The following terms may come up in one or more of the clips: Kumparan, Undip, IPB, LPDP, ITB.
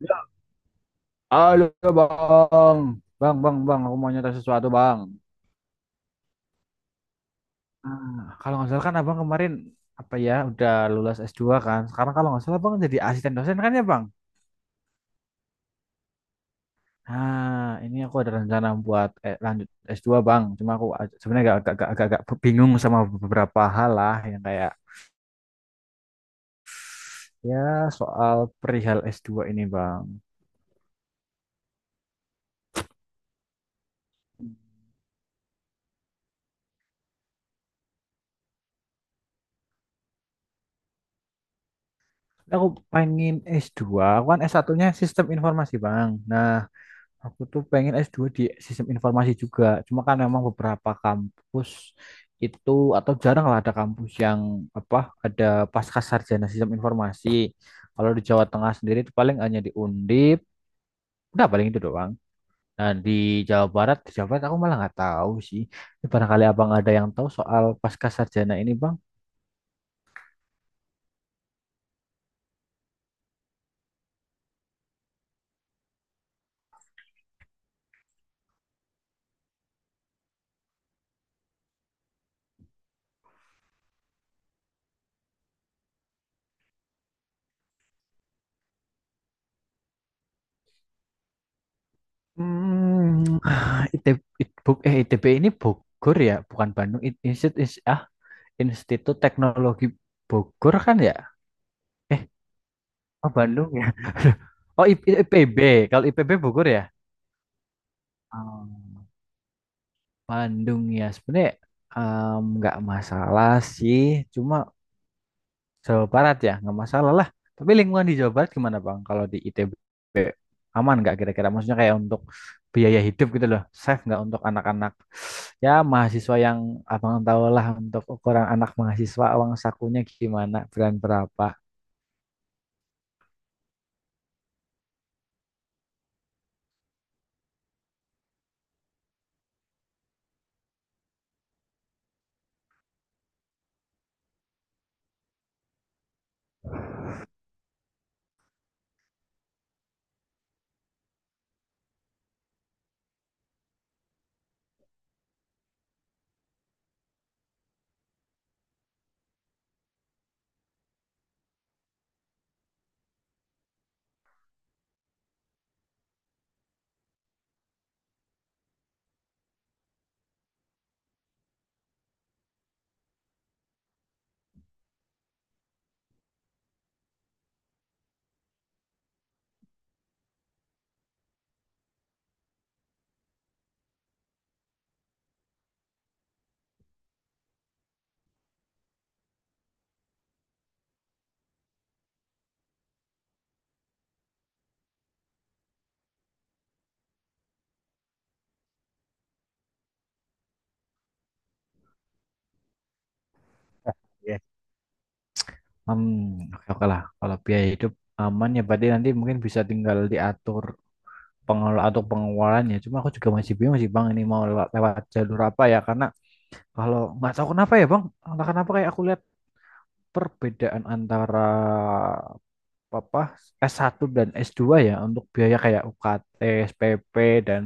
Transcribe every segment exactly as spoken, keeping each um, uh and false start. Ya, halo bang, bang, bang, bang, aku mau nyata sesuatu bang. Ah, Kalau nggak salah kan abang kemarin apa ya udah lulus s dua kan. Sekarang kalau nggak salah bang jadi asisten dosen kan ya bang. Nah, ini aku ada rencana buat eh, lanjut s dua, bang. Cuma aku ag- sebenarnya agak agak, agak agak bingung sama beberapa hal lah yang kayak ya soal perihal s dua ini bang. Aku pengen s dua. Aku kan es satu-nya sistem informasi bang. Nah, aku tuh pengen s dua di sistem informasi juga. Cuma kan memang beberapa kampus itu atau jarang lah ada kampus yang apa ada pasca sarjana sistem informasi. Kalau di Jawa Tengah sendiri itu paling hanya di Undip, udah paling itu doang. Nah, di Jawa Barat, di Jawa Barat aku malah nggak tahu sih. Ini barangkali abang ada yang tahu soal pasca sarjana ini bang? Hmm, ITB, Itbug- eh, I T B ini Bogor ya, bukan Bandung. I- Institut, Ins- ah, Institut Teknologi Bogor kan ya? Eh, oh Bandung ya. Oh, I- I- IPB. Kalau I P B Bogor ya? Oh, Bandung ya. Sebenarnya em, nggak masalah sih. Cuma Jawa Barat ya, nggak masalah lah. Tapi lingkungan di Jawa Barat gimana, Bang? Kalau di I T B aman nggak kira-kira? Maksudnya kayak untuk biaya hidup gitu loh. Safe nggak untuk anak-anak? Ya, mahasiswa yang abang tahu lah untuk ukuran anak mahasiswa uang sakunya gimana, bulan berapa. Ya. Hmm, oke oke lah. Kalau biaya hidup aman ya berarti nanti mungkin bisa tinggal diatur pengelola atau pengeluarannya. Cuma aku juga masih bingung sih, Bang, ini mau lewa- lewat jalur apa ya, karena kalau nggak tahu kenapa ya, Bang, entah kenapa kayak aku lihat perbedaan antara apa es satu dan es dua ya untuk biaya kayak U K T, S P P, dan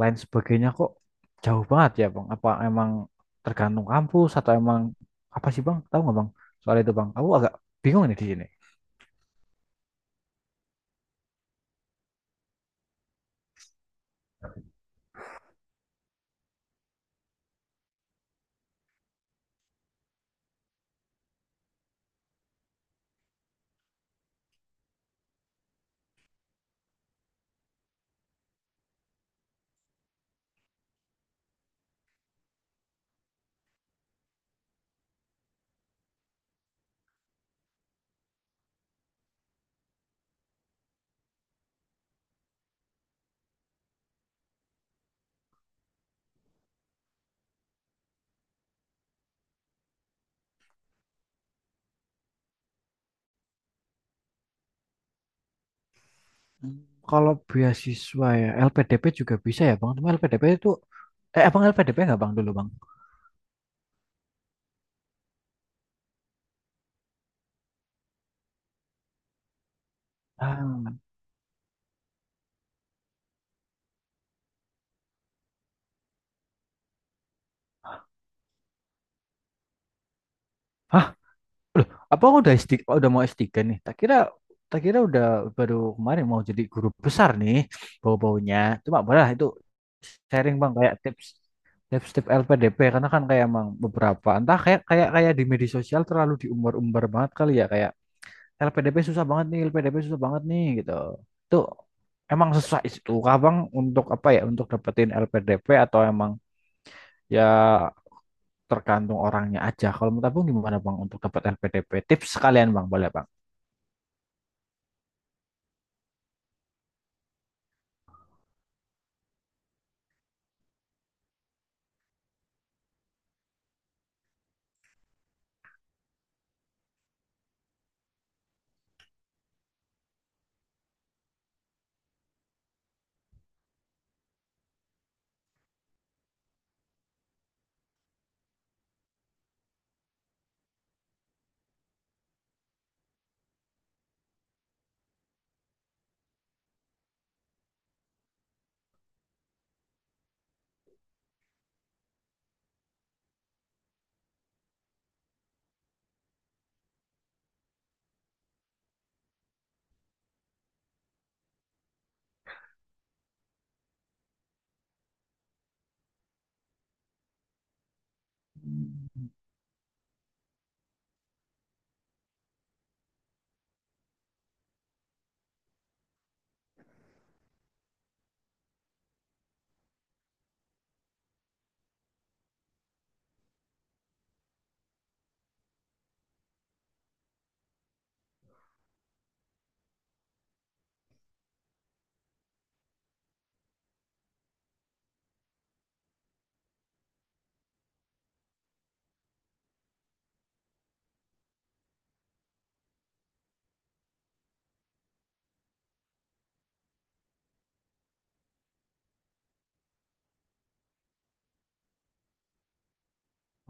lain sebagainya kok jauh banget ya, Bang. Apa emang tergantung kampus atau emang apa sih, Bang? Tahu nggak, Bang? Soal itu, Bang, aku agak bingung nih di sini. Kalau beasiswa ya, L P D P juga bisa ya, Bang. Cuma L P D P itu, eh, Abang L P D P nggak, Bang, dulu, Bang? Ah. Hah? Loh, Abang udah s tiga, udah mau es tiga nih? Tak kira, tak kira udah baru kemarin mau jadi guru besar nih bau-baunya. Cuma boleh lah itu sharing, Bang, kayak tips tips-tips L P D P, karena kan kayak emang beberapa entah kayak kayak kayak di media sosial terlalu diumbar-umbar banget kali ya, kayak L P D P susah banget nih, L P D P susah banget nih gitu. Itu emang susah itu, Abang, untuk apa ya? Untuk dapetin L P D P atau emang ya tergantung orangnya aja. Kalau menurut Abang gimana, Bang, untuk dapat L P D P? Tips sekalian, Bang, boleh Bang.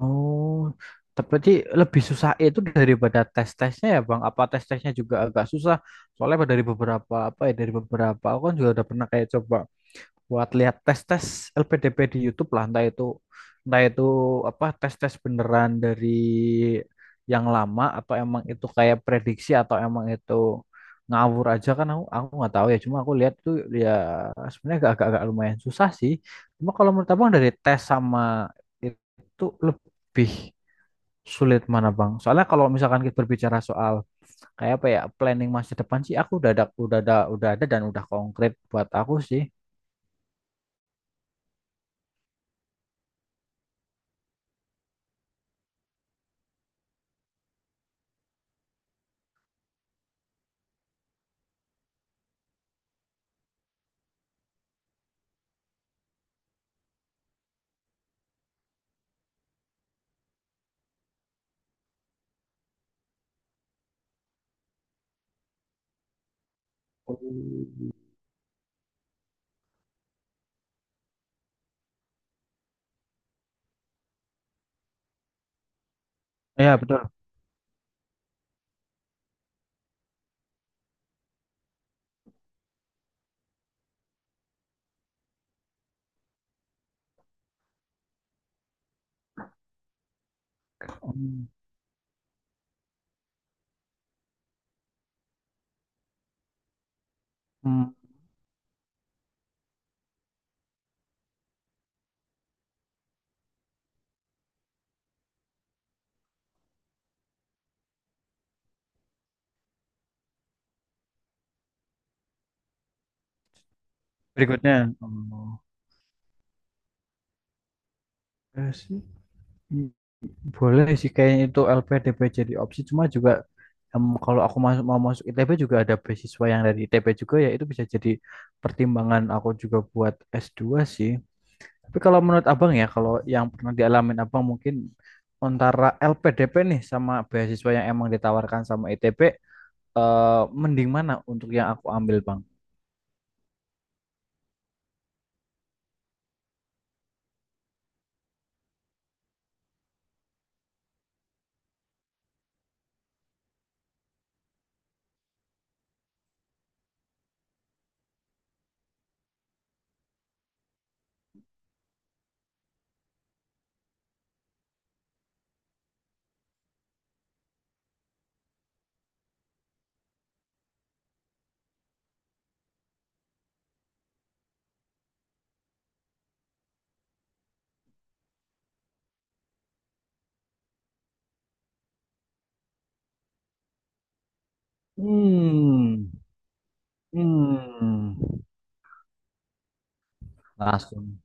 Oh, tapi lebih susah itu daripada tes-tesnya ya, Bang. Apa tes-tesnya juga agak susah? Soalnya dari beberapa apa ya dari beberapa aku kan juga udah pernah kayak coba buat lihat tes-tes L P D P di YouTube lah, entah itu entah itu apa tes-tes beneran dari yang lama atau emang itu kayak prediksi atau emang itu ngawur aja, kan aku aku nggak tahu ya. Cuma aku lihat tuh ya, sebenarnya agak, agak agak lumayan susah sih. Cuma kalau menurut abang dari tes sama itu lebih sulit mana, bang, soalnya kalau misalkan kita berbicara soal kayak apa ya planning masa depan sih, aku udah ada udah ada udah ada dan udah konkret buat aku sih. Ya, betul. Hmm. Hmm. Berikutnya. Oh, ya sih. Hmm, Boleh sih kayaknya itu L P D P jadi opsi. Cuma juga em, kalau aku masuk mau masuk I T B juga ada beasiswa yang dari I T B juga, ya itu bisa jadi pertimbangan aku juga buat es dua sih. Tapi kalau menurut Abang ya, kalau yang pernah dialamin Abang, mungkin antara L P D P nih sama beasiswa yang emang ditawarkan sama I T B, eh, mending mana untuk yang aku ambil, Bang? Hmm. Hmm. Langsung.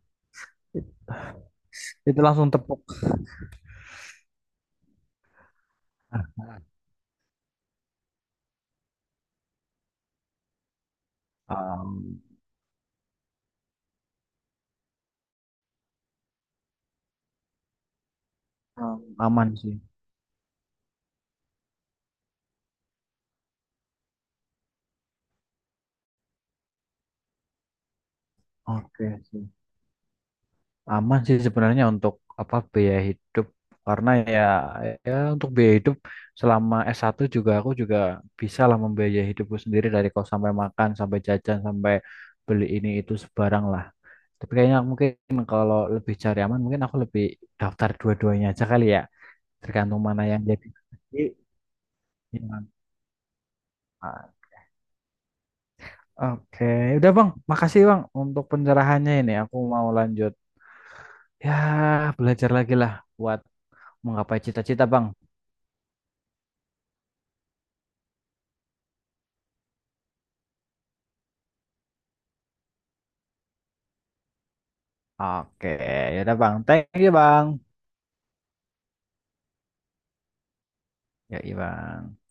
Itu langsung tepuk. Am, am, aman sih. Oke sih. Aman sih sebenarnya untuk apa biaya hidup, karena ya ya untuk biaya hidup selama s satu juga aku juga bisa lah membiayai hidupku sendiri dari kos sampai makan sampai jajan sampai beli ini itu sebarang lah. Tapi kayaknya mungkin kalau lebih cari aman mungkin aku lebih daftar dua-duanya aja kali ya. Tergantung mana yang jadi. Jadi. Ya. Oke, udah, Bang. Makasih, Bang, untuk pencerahannya ini. Aku mau lanjut. Ya, belajar lagi lah buat menggapai cita-cita, Bang. Oke, ya udah, Bang. Thank you, Bang. Ya, iya, Bang.